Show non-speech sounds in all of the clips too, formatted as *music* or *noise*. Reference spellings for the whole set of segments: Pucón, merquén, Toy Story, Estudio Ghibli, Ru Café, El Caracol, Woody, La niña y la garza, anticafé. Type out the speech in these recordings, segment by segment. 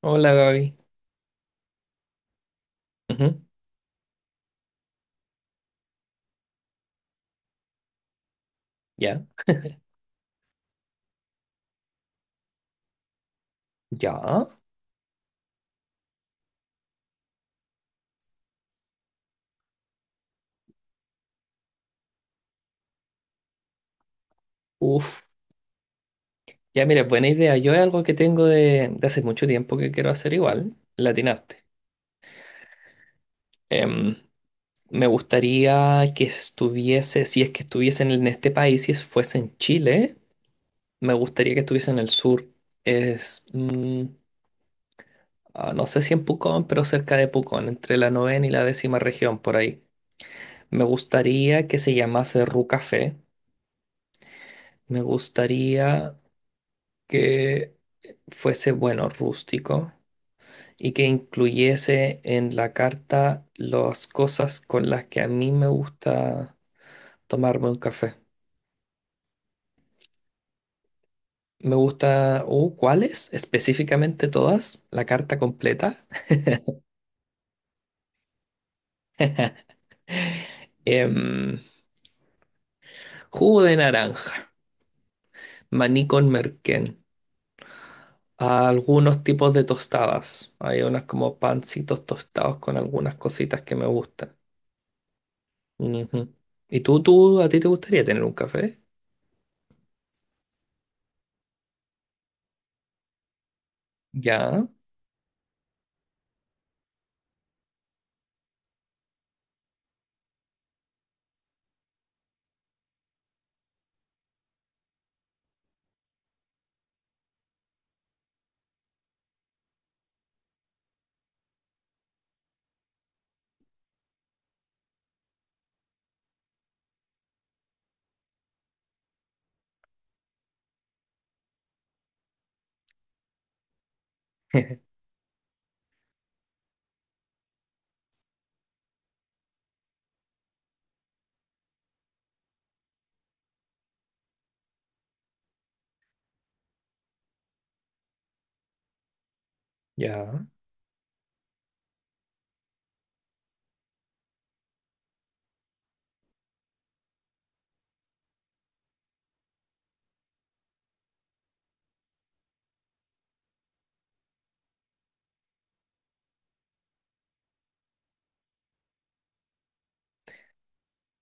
Hola Gaby. Ujú. Ya, ya. Uf. Ya, mira, buena idea. Yo es algo que tengo de hace mucho tiempo que quiero hacer igual. Latinaste. Me gustaría que estuviese, si es que estuviesen en este país, si es- fuese en Chile, me gustaría que estuviese en el sur. Es, mm, no sé si en Pucón, pero cerca de Pucón, entre la novena y la décima región, por ahí. Me gustaría que se llamase Ru Café. Me gustaría que fuese, bueno, rústico, y que incluyese en la carta las cosas con las que a mí me gusta tomarme un café. Me gusta, ¿cuáles? Específicamente todas, la carta completa. Em, jugo de naranja, maní con merquén, algunos tipos de tostadas. Hay unas como pancitos tostados con algunas cositas que me gustan. Ujú. ¿Y tú, a ti te gustaría tener un café? Ya. *laughs* Ya.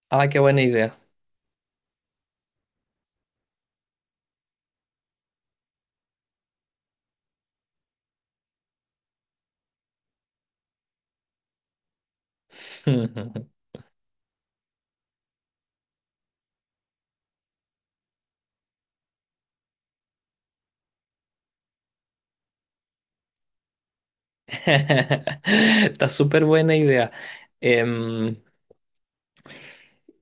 Ah, qué buena idea. *laughs* Está súper buena idea. Em,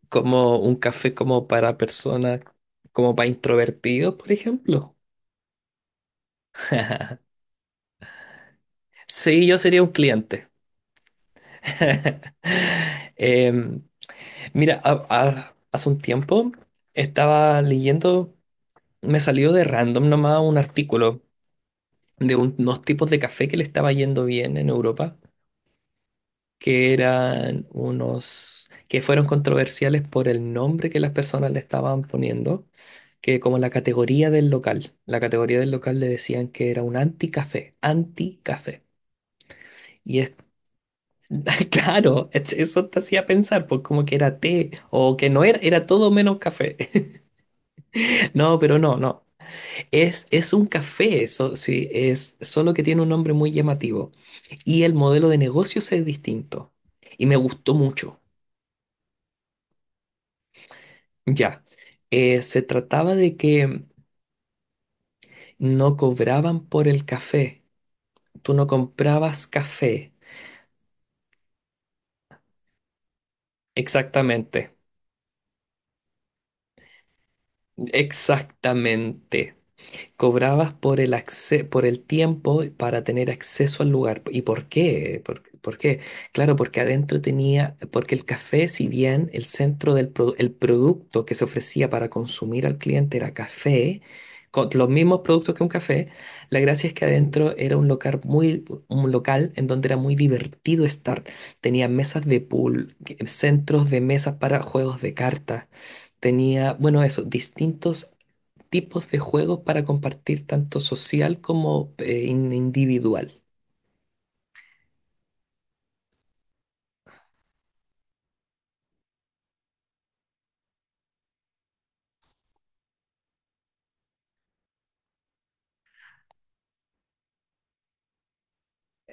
como un café como para personas, como para introvertidos, por ejemplo. Sí, yo sería un cliente. *laughs* Em, mira, hace un tiempo estaba leyendo, me salió de random nomás un artículo de unos tipos de café que le estaba yendo bien en Europa, que eran unos, que fueron controversiales por el nombre que las personas le estaban poniendo, que como la categoría del local, la categoría del local le decían que era un anticafé, anticafé. Y es, *laughs* claro, eso te hacía pensar, pues, como que era té, o que no era, era todo menos café. *laughs* No, pero no, no. Es un café, eso sí, es solo que tiene un nombre muy llamativo. Y el modelo de negocios es distinto. Y me gustó mucho. Ya. Se trataba de que no cobraban por el café. Tú no comprabas café. Exactamente, exactamente. Cobrabas por por el tiempo para tener acceso al lugar. ¿Y por qué? Por qué? Claro, porque adentro tenía, porque el café, si bien el centro el producto que se ofrecía para consumir al cliente era café, con los mismos productos que un café, la gracia es que adentro era un local en donde era muy divertido estar. Tenía mesas de pool, centros de mesas para juegos de cartas. Tenía, bueno, eso, distintos tipos de juegos para compartir tanto social como individual.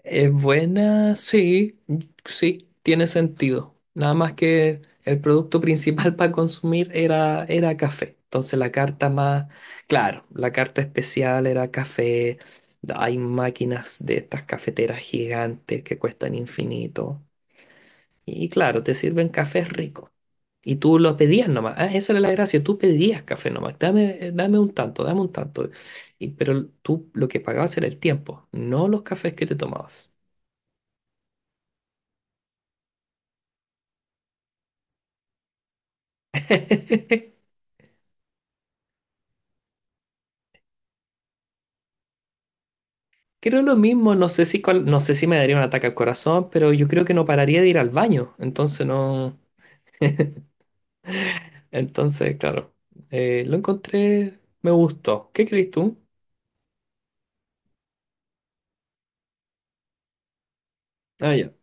¿Es buena? Sí, sí, tiene sentido. Nada más que el producto principal *laughs* para consumir era café. Entonces la carta más, claro, la carta especial era café. Hay máquinas de estas cafeteras gigantes que cuestan infinito. Y claro, te sirven cafés ricos. Y tú lo pedías nomás. Ah, esa era la gracia. Tú pedías café nomás. Dame, dame un tanto, dame un tanto. Y, pero tú lo que pagabas era el tiempo, no los cafés que te tomabas. *laughs* Creo lo mismo, no sé no sé si me daría un ataque al corazón, pero yo creo que no pararía de ir al baño. Entonces no. Entonces, claro, lo encontré. Me gustó. ¿Qué crees tú? Ah, ya.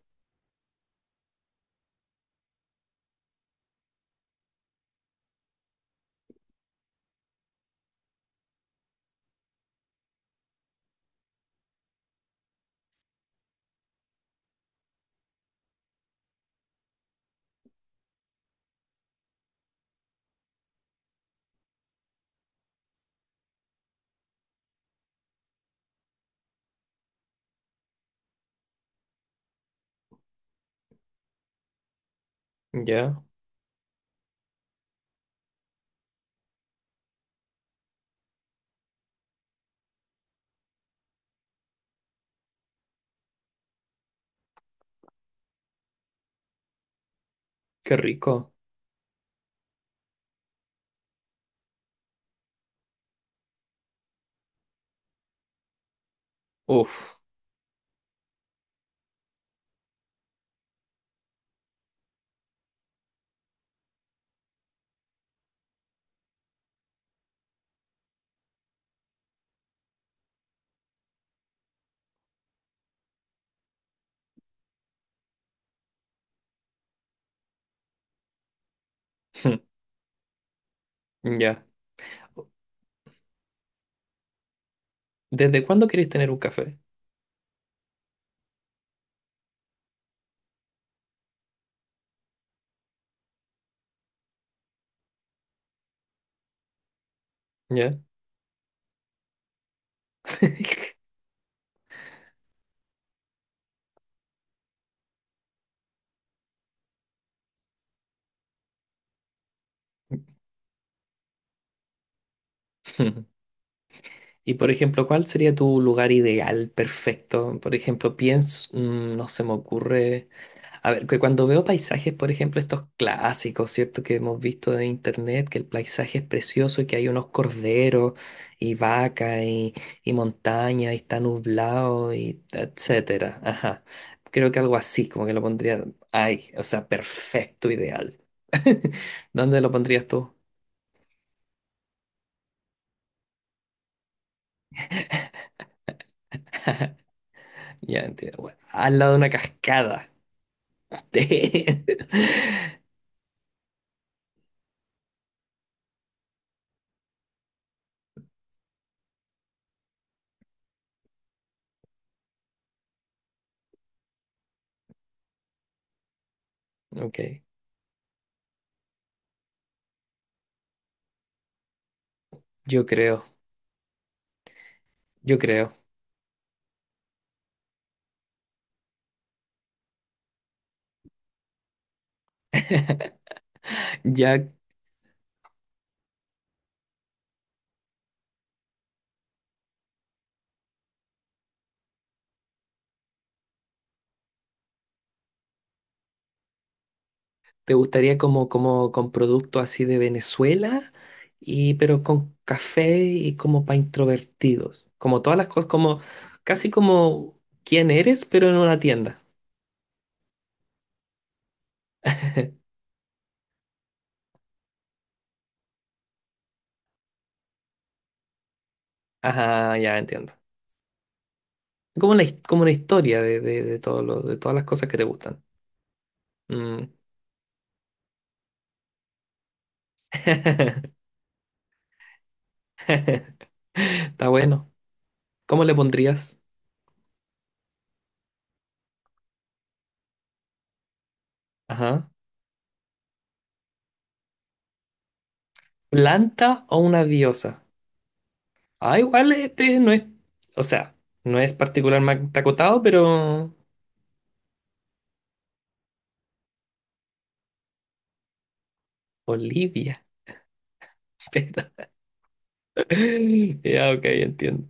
Ya. Qué rico. Uf. *laughs* Ya. ¿Desde cuándo querés tener un café? ¿Ya? *laughs* Y por ejemplo, ¿cuál sería tu lugar ideal, perfecto? Por ejemplo, pienso, no se me ocurre. A ver, que cuando veo paisajes, por ejemplo, estos clásicos, ¿cierto? Que hemos visto de internet, que el paisaje es precioso y que hay unos corderos y vacas y montaña y está nublado y etcétera. Ajá. Creo que algo así, como que lo pondría. Ay, o sea, perfecto, ideal. *laughs* ¿Dónde lo pondrías tú? Ya entiendo. Bueno, al lado de una cascada. *laughs* Ok, yo creo, yo creo. Ya, te gustaría como, como con producto así de Venezuela, y, pero con café y como para introvertidos. Como todas las cosas, como casi como quién eres, pero en una tienda. Ajá, ya entiendo. Como una, como una historia de, de todas las cosas que te gustan. Mm. *laughs* Está bueno. ¿Cómo le pondrías? Ajá. ¿Planta o una diosa? Ah, igual este no es, o sea, no es particularmente acotado, pero Olivia. *laughs* pero, ya, ok, entiendo.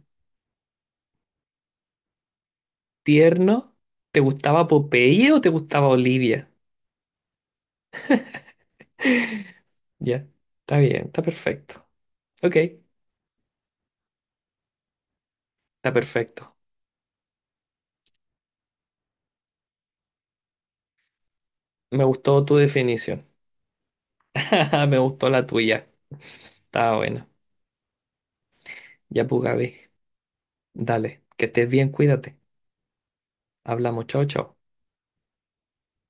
Tierno, ¿te gustaba Popeye o te gustaba Olivia? Ya, está bien, está perfecto. Ok, está perfecto. Me gustó tu definición. *laughs* Me gustó la tuya. Está buena. Ya, pues, Gaby, dale, que estés bien, cuídate. Hablamos, chao, chao.